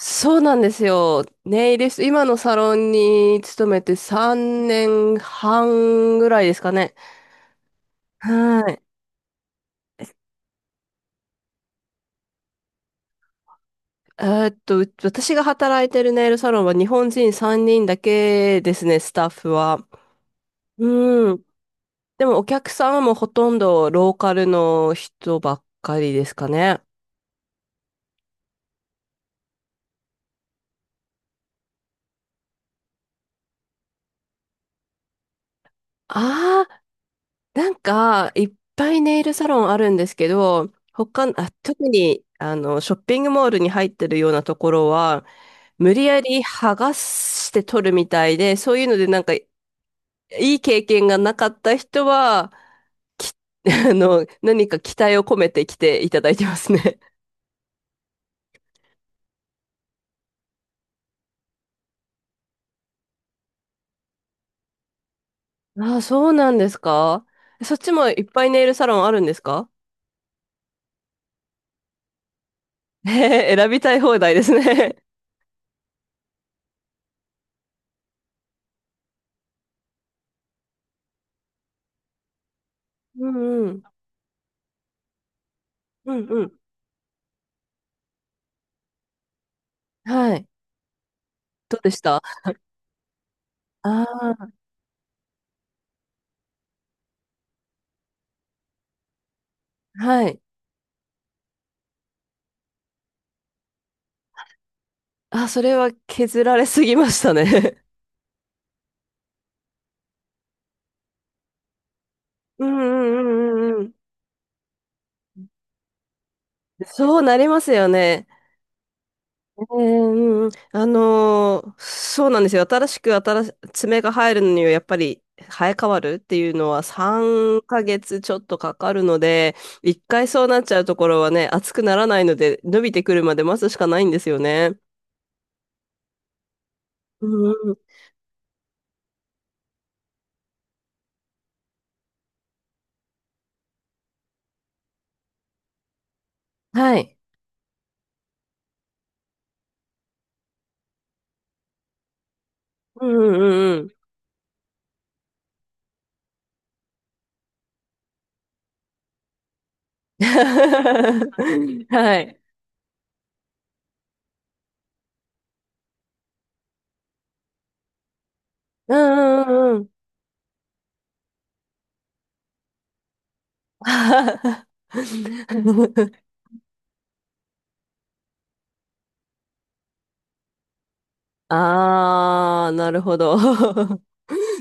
そうなんですよ。ネイリスト、今のサロンに勤めて3年半ぐらいですかね。はい。え私が働いてるネイルサロンは日本人3人だけですね、スタッフは。うん。でもお客さんはもうほとんどローカルの人ばっかりですかね。あなんか、いっぱいネイルサロンあるんですけど、特に、ショッピングモールに入ってるようなところは、無理やり剥がして取るみたいで、そういうのでなんか、いい経験がなかった人は、き、何か期待を込めて来ていただいてますね。ああ、そうなんですか？そっちもいっぱいネイルサロンあるんですか？ええ 選びたい放題ですね。うんうん。うんうん。はい。どうでしたあ？あー、はい。あ、それは削られすぎましたね。うんうんうんうんうん。そうなりますよね。ええうんうん。そうなんですよ。新しく新し、爪が入るのにはやっぱり生え変わるっていうのは3ヶ月ちょっとかかるので、一回そうなっちゃうところはね、熱くならないので、伸びてくるまで待つしかないんですよね。うんうん。はい。うんうんうん。はい。うんうんうん。 はい。ああ、なるほど。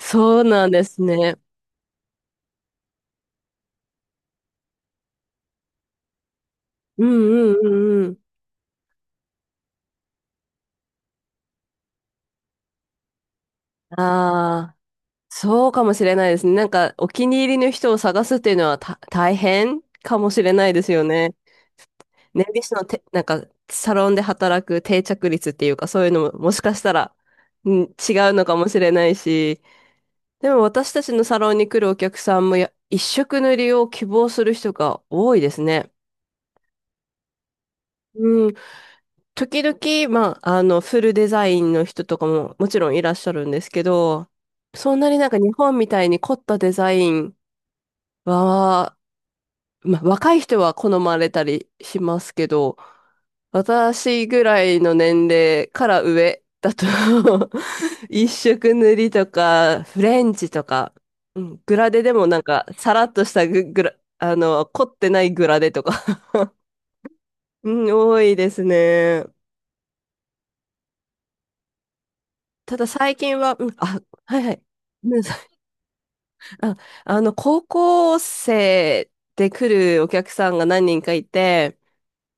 そうなんですね。うんうんうんうん。ああ、そうかもしれないですね。なんか、お気に入りの人を探すっていうのは大変かもしれないですよね。ネイリストのて、なんか、サロンで働く定着率っていうか、そういうのももしかしたら、うん、違うのかもしれないし、でも私たちのサロンに来るお客さんも一色塗りを希望する人が多いですね。うん。時々、フルデザインの人とかももちろんいらっしゃるんですけど、そんなになんか日本みたいに凝ったデザインは、まあ、若い人は好まれたりしますけど、私ぐらいの年齢から上だと 一色塗りとか、フレンチとか、うん、グラデでもなんか、さらっとしたグ、グラ、あの、凝ってないグラデとか、うん、多いですね。ただ最近は、うん、あ、はいはい。あ、高校生で来るお客さんが何人かいて、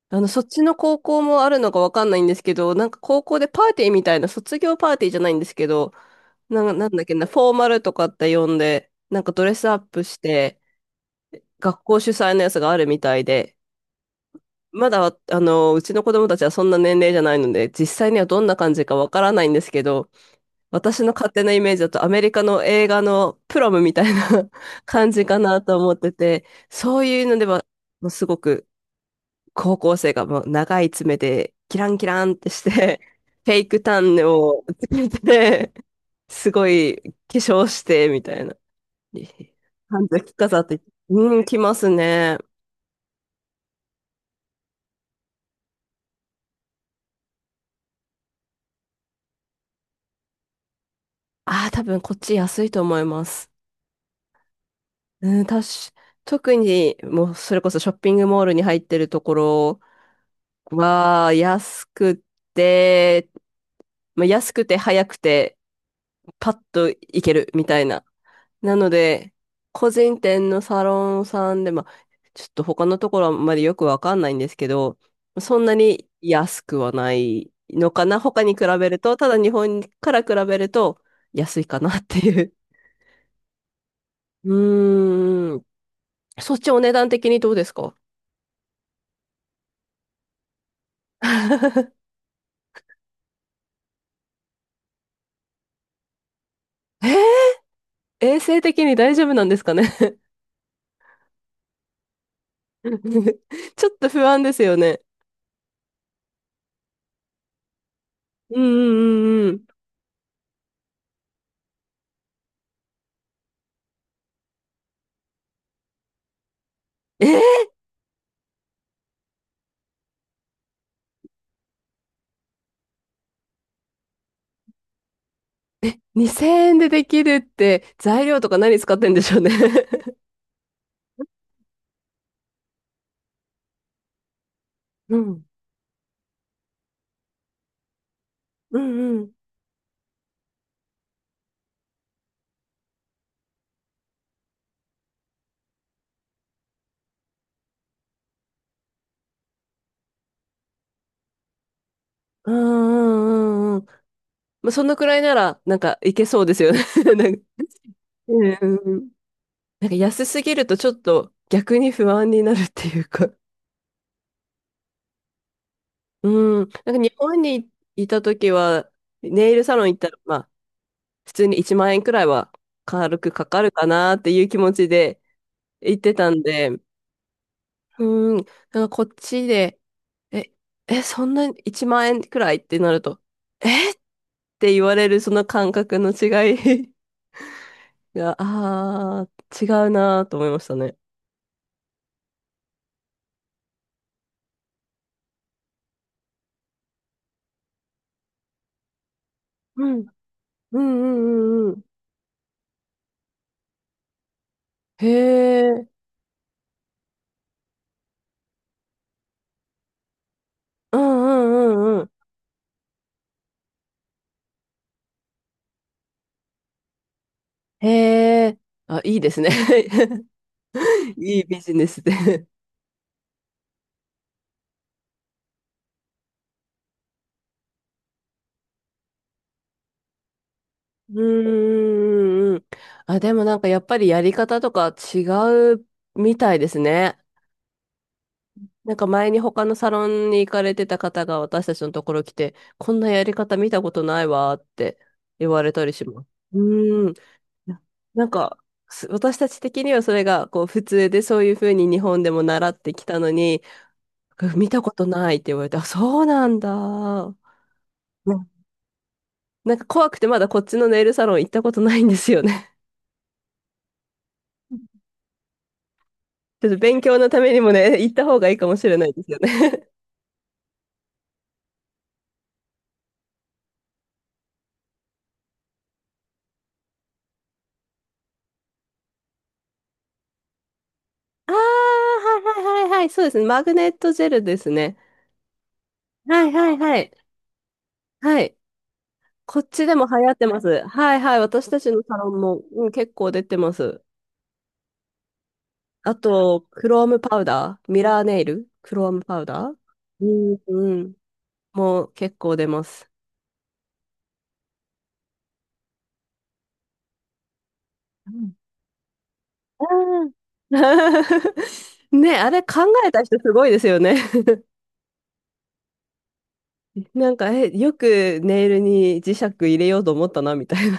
あの、そっちの高校もあるのかわかんないんですけど、なんか高校でパーティーみたいな、卒業パーティーじゃないんですけど、なんだっけな、フォーマルとかって呼んで、なんかドレスアップして、学校主催のやつがあるみたいで、まだ、あの、うちの子供たちはそんな年齢じゃないので、実際にはどんな感じかわからないんですけど、私の勝手なイメージだとアメリカの映画のプロムみたいな 感じかなと思ってて、そういうのでは、もうすごく高校生がもう長い爪でキランキランってして、フェイクタンをつけて、すごい化粧してみたいな。半月飾って、うん、来ますね。ああ、多分こっち安いと思います。うん、たし特に、もうそれこそショッピングモールに入ってるところは、て、安くて早くて、パッと行けるみたいな。なので、個人店のサロンさんで、まあ、ちょっと他のところあんまりよくわかんないんですけど、そんなに安くはないのかな。他に比べると、ただ日本から比べると安いかなっていう。うーん。そっちお値段的にどうですか？ 衛生的に大丈夫なんですかね？ ちょっと不安ですよね。うんうんうんうん。えー、2000円でできるって材料とか何使ってんでしょうね？ うん。うんうん。うんうんうんうん。まあ、そのくらいなら、なんかいけそうですよね。 なんか、うんうんうん。なんか安すぎるとちょっと逆に不安になるっていうか。うん。なんか日本にいた時は、ネイルサロン行ったら、まあ、普通に1万円くらいは軽くかかるかなっていう気持ちで行ってたんで、うーん。なんかこっちで、え、そんな1万円くらいってなると、えって言われるその感覚の違い が、あー、違うなーと思いましたね。うん。うんうんうんうん。へえ。うんうんうんうん。へえ。あ、いいですね。いいビジネスで。うんうんうんうん。あ、でもなんかやっぱりやり方とか違うみたいですね。なんか前に他のサロンに行かれてた方が私たちのところ来て、こんなやり方見たことないわーって言われたりします。うーん。ななんか、私たち的にはそれがこう普通でそういうふうに日本でも習ってきたのに、見たことないって言われて、あ、そうなんだー。ねなんか怖くてまだこっちのネイルサロン行ったことないんですよね。ちょっと勉強のためにもね、行った方がいいかもしれないですよね。ああ、はいはいはいはい、そうですね。マグネットジェルですね。はいはいはい。はい。こっちでも流行ってます。はいはい。私たちのサロンも、うん、結構出てます。あと、クロームパウダー、うん、うん、もう結構出ます。うん。あー ねあれ考えた人すごいですよね。なんか、え、よくネイルに磁石入れようと思ったな、みたいな。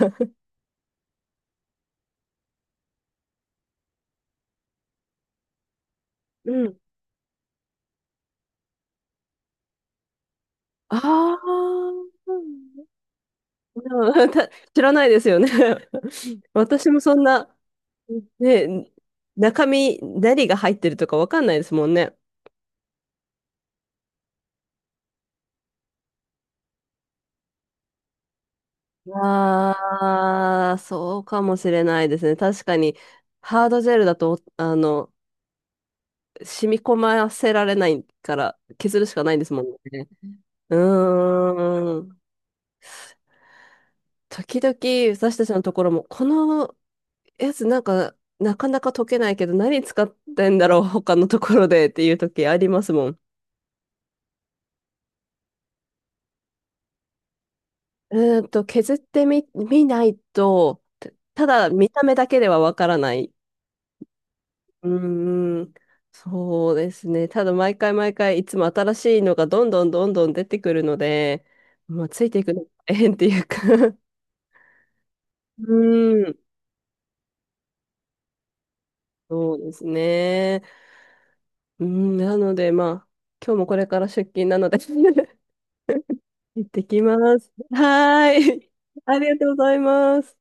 うん。ああ。うん 知らないですよね。私もそんな、ね、中身、何が入ってるとかわかんないですもんね。ああ、そうかもしれないですね。確かに、ハードジェルだと、あの、染み込ませられないから、削るしかないんですもんね。うーん。時々、私たちのところも、このやつなんか、なかなか溶けないけど、何使ってんだろう、他のところでっていう時ありますもん。うーんと、削ってみ、見ないと、ただ見た目だけではわからない。うーん、そうですね。ただ毎回毎回いつも新しいのがどんどんどんどん出てくるので、まあ、ついていくのが大変っていうか。 うーん、そうですね。うーん、なのでまあ、今日もこれから出勤なので 行ってきます。はーい。ありがとうございます。